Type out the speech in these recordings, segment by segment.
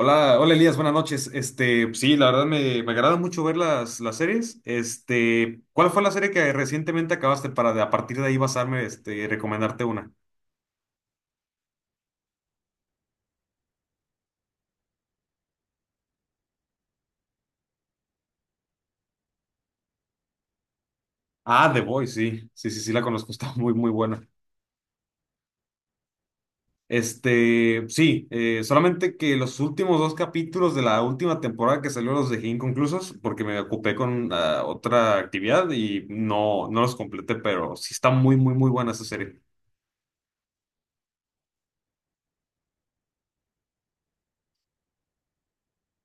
Hola, hola Elías, buenas noches. Pues sí, la verdad me agrada mucho ver las series. Este, ¿cuál fue la serie que recientemente acabaste para a partir de ahí basarme, y recomendarte una? Ah, The Boys, sí, sí, sí, sí la conozco, está muy, muy buena. Este, sí, solamente que los últimos dos capítulos de la última temporada que salió los dejé inconclusos porque me ocupé con otra actividad y no, no los completé, pero sí está muy, muy buena esa serie.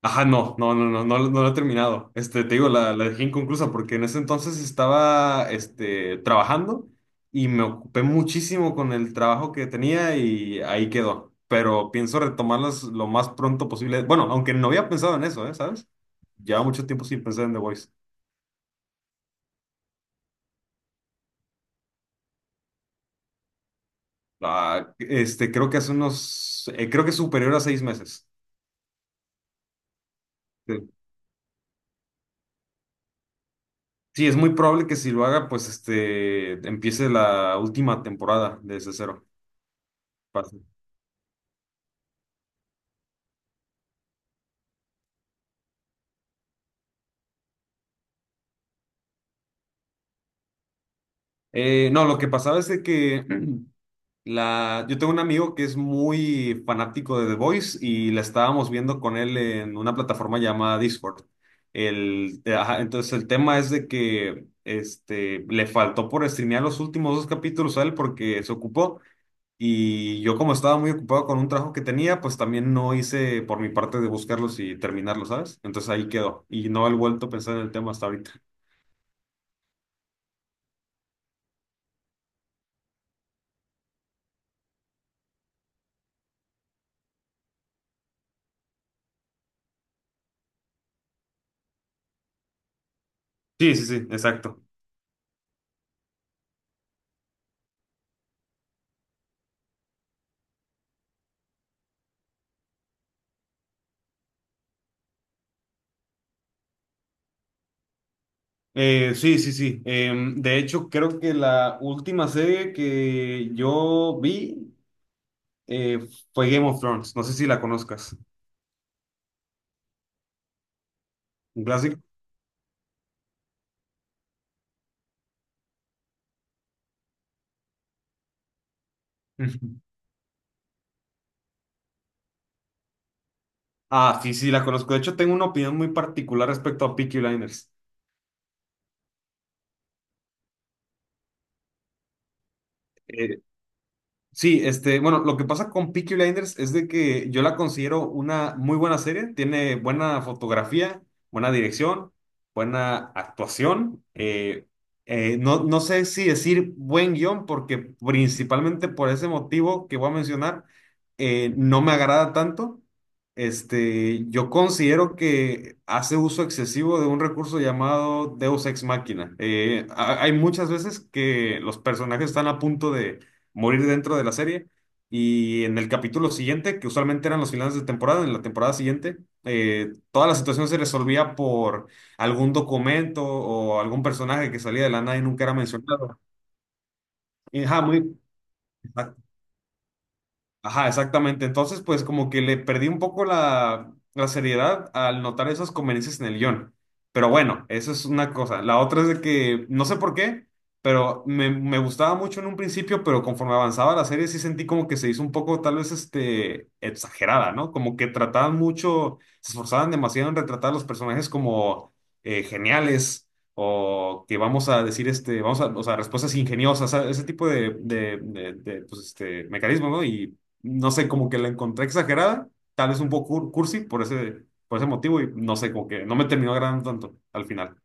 Ajá, no, no, no, no, no, no no lo he terminado. Este, te digo, la dejé inconclusa porque en ese entonces estaba, trabajando y me ocupé muchísimo con el trabajo que tenía y ahí quedó. Pero pienso retomarlas lo más pronto posible. Bueno, aunque no había pensado en eso, ¿eh? ¿Sabes? Lleva mucho tiempo sin pensar en The Voice. Ah, creo que hace unos, creo que es superior a 6 meses. Sí, sí, es muy probable que si lo haga, pues, empiece la última temporada de ese cero. No, lo que pasaba es de que yo tengo un amigo que es muy fanático de The Voice y la estábamos viendo con él en una plataforma llamada Discord. Ajá, entonces el tema es de que le faltó por streamear los últimos dos capítulos a él porque se ocupó y yo como estaba muy ocupado con un trabajo que tenía, pues también no hice por mi parte de buscarlos y terminarlos, ¿sabes? Entonces ahí quedó y no he vuelto a pensar en el tema hasta ahorita. Sí, sí, sí, exacto. Sí, sí, sí. De hecho, creo que la última serie que yo vi eh, fue Game of Thrones. No sé si la conozcas. ¿Un clásico? Ah, sí, sí, la conozco. De hecho, tengo una opinión muy particular respecto a Peaky Blinders. Eh, Sí, bueno, lo que pasa con Peaky Blinders es de que yo la considero una muy buena serie, tiene buena fotografía, buena dirección, buena actuación. No, no sé si decir buen guión, porque principalmente por ese motivo que voy a mencionar, no me agrada tanto. Este, yo considero que hace uso excesivo de un recurso llamado Deus Ex Machina. Hay muchas veces que los personajes están a punto de morir dentro de la serie. Y en el capítulo siguiente, que usualmente eran los finales de temporada, en la temporada siguiente, toda la situación se resolvía por algún documento o algún personaje que salía de la nada y nunca era mencionado. Y, ajá, muy, Ajá, exactamente. Entonces, pues como que le perdí un poco la seriedad al notar esas conveniencias en el guión. Pero bueno, eso es una cosa. La otra es de que, no sé por qué, pero me gustaba mucho en un principio, pero conforme avanzaba la serie sí sentí como que se hizo un poco tal vez exagerada, ¿no? Como que trataban mucho, se esforzaban demasiado en retratar a los personajes como geniales o que vamos a decir, vamos a, o sea, respuestas ingeniosas, ¿sabes? Ese tipo de, pues, mecanismos, ¿no? Y no sé, como que la encontré exagerada, tal vez un poco cursi por por ese motivo y no sé, como que no me terminó agradando tanto al final.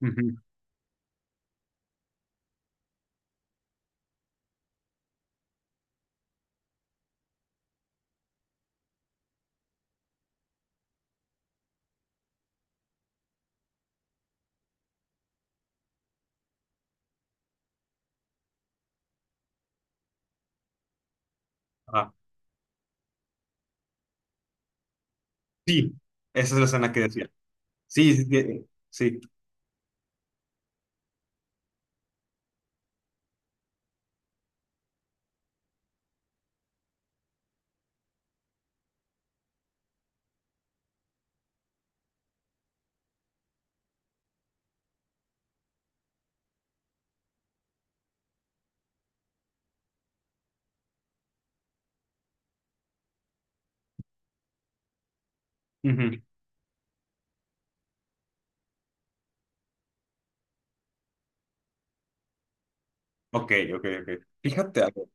Ujú. Ah, sí, esa es la escena que decía. Sí, sí, sí. sí. Ujú. Ok, ok, ok. Fíjate algo.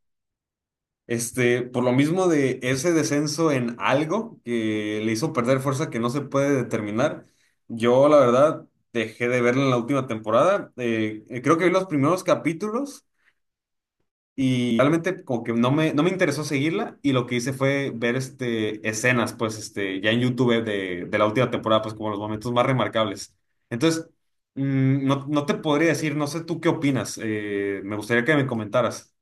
Este, por lo mismo de ese descenso en algo que le hizo perder fuerza que no se puede determinar, yo la verdad dejé de verla en la última temporada. Creo que vi los primeros capítulos. Y realmente como que no no me interesó seguirla y lo que hice fue ver escenas, pues, ya en YouTube de la última temporada, pues como los momentos más remarcables. Entonces, no, no te podría decir, no sé tú qué opinas, me gustaría que me comentaras.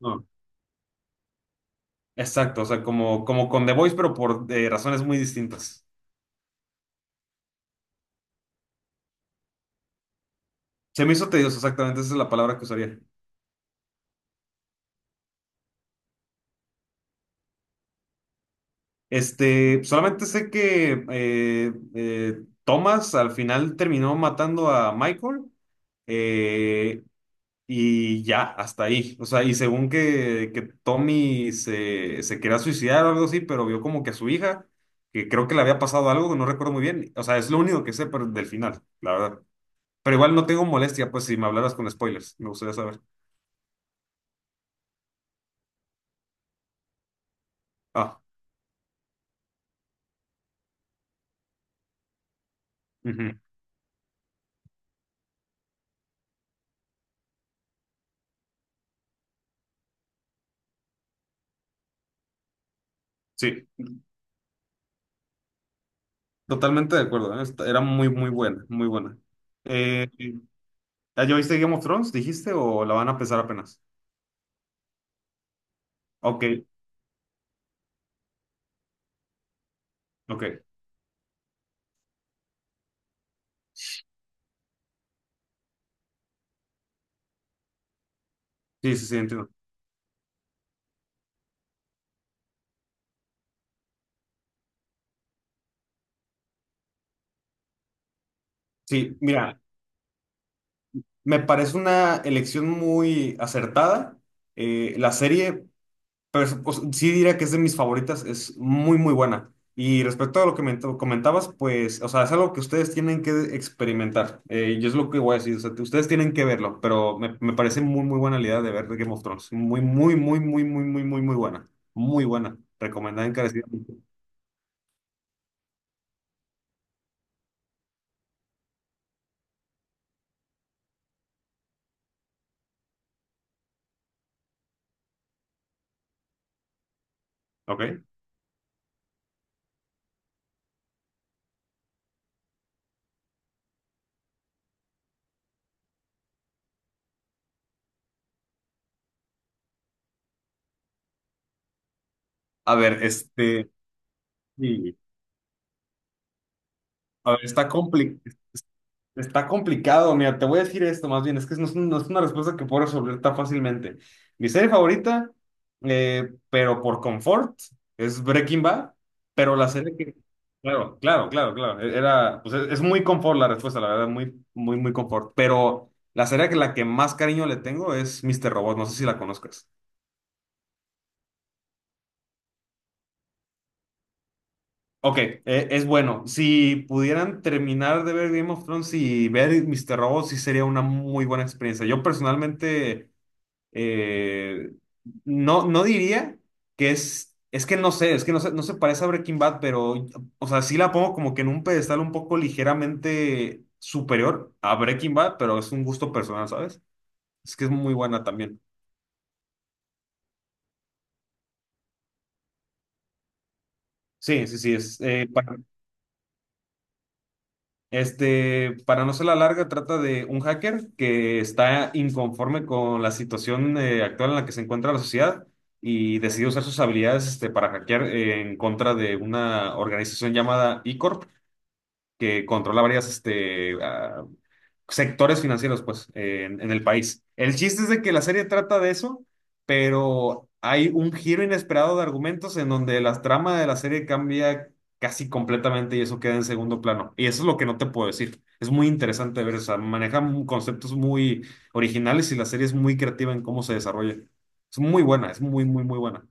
No. Exacto, o sea, como, como con The Voice, pero por razones muy distintas. Se me hizo tedioso, exactamente, esa es la palabra que usaría. Este, solamente sé que Thomas al final terminó matando a Michael. Eh, Y ya, hasta ahí. O sea, y según que Tommy se quería suicidar o algo así, pero vio como que a su hija, que creo que le había pasado algo, que no recuerdo muy bien. O sea, es lo único que sé pero del final, la verdad. Pero igual no tengo molestia, pues si me hablaras con spoilers, me gustaría saber. Ah, ujú, sí, totalmente de acuerdo. ¿Eh? Esta- era muy, buena, muy buena. Eh, ¿Ya viste Game of Thrones, dijiste, o la van a empezar apenas? Ok, ok. Sí, sí, sí, entiendo. Sí, mira. Me parece una elección muy acertada. Eh, la serie, pues, pues, sí diría que es de mis favoritas, es muy, muy buena. Y respecto a lo que me comentabas, pues, o sea, es algo que ustedes tienen que experimentar. Yo es lo que voy a decir, o sea, que ustedes tienen que verlo, pero me parece muy, muy buena la idea de ver Game of Thrones. Muy, muy, muy, muy, muy, muy, muy, muy buena. Muy buena. Recomendada encarecidamente. ¿Ok? A ver, este... sí. A ver, está complicado. Está complicado, mira, te voy a decir esto más bien, es que no es, no es una respuesta que puedo resolver tan fácilmente. Mi serie favorita, pero por confort, es Breaking Bad, pero la serie que... Claro, claro, claro, claro, era, pues es muy confort la respuesta, la verdad, muy, muy, muy confort, pero la que más cariño le tengo es Mr. Robot, no sé si la conozcas. Ok, es bueno, si pudieran terminar de ver Game of Thrones y ver Mr. Robot, sí sería una muy buena experiencia. Yo personalmente... Eh, no, no diría que es que no sé, es que no se parece a Breaking Bad, pero, o sea, sí la pongo como que en un pedestal un poco ligeramente superior a Breaking Bad, pero es un gusto personal, ¿sabes? Es que es muy buena también. Sí, sí, sí, este, para no ser la larga, trata de un hacker que está inconforme con la situación actual en la que se encuentra la sociedad y decidió usar sus habilidades para hackear en contra de una organización llamada E-Corp que controla varias sectores financieros, pues, en el país. El chiste es de que la serie trata de eso, pero hay un giro inesperado de argumentos en donde la trama de la serie cambia casi completamente y eso queda en segundo plano. Y eso es lo que no te puedo decir. Es muy interesante ver, o sea, maneja conceptos muy originales y la serie es muy creativa en cómo se desarrolla. Es muy buena, es muy, muy, muy buena.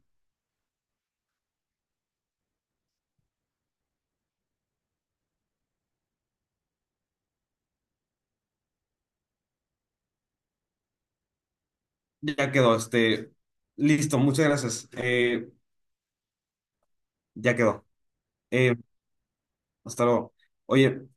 Ya quedó, listo, muchas gracias. Ya quedó. Eh, Hasta luego. Oye,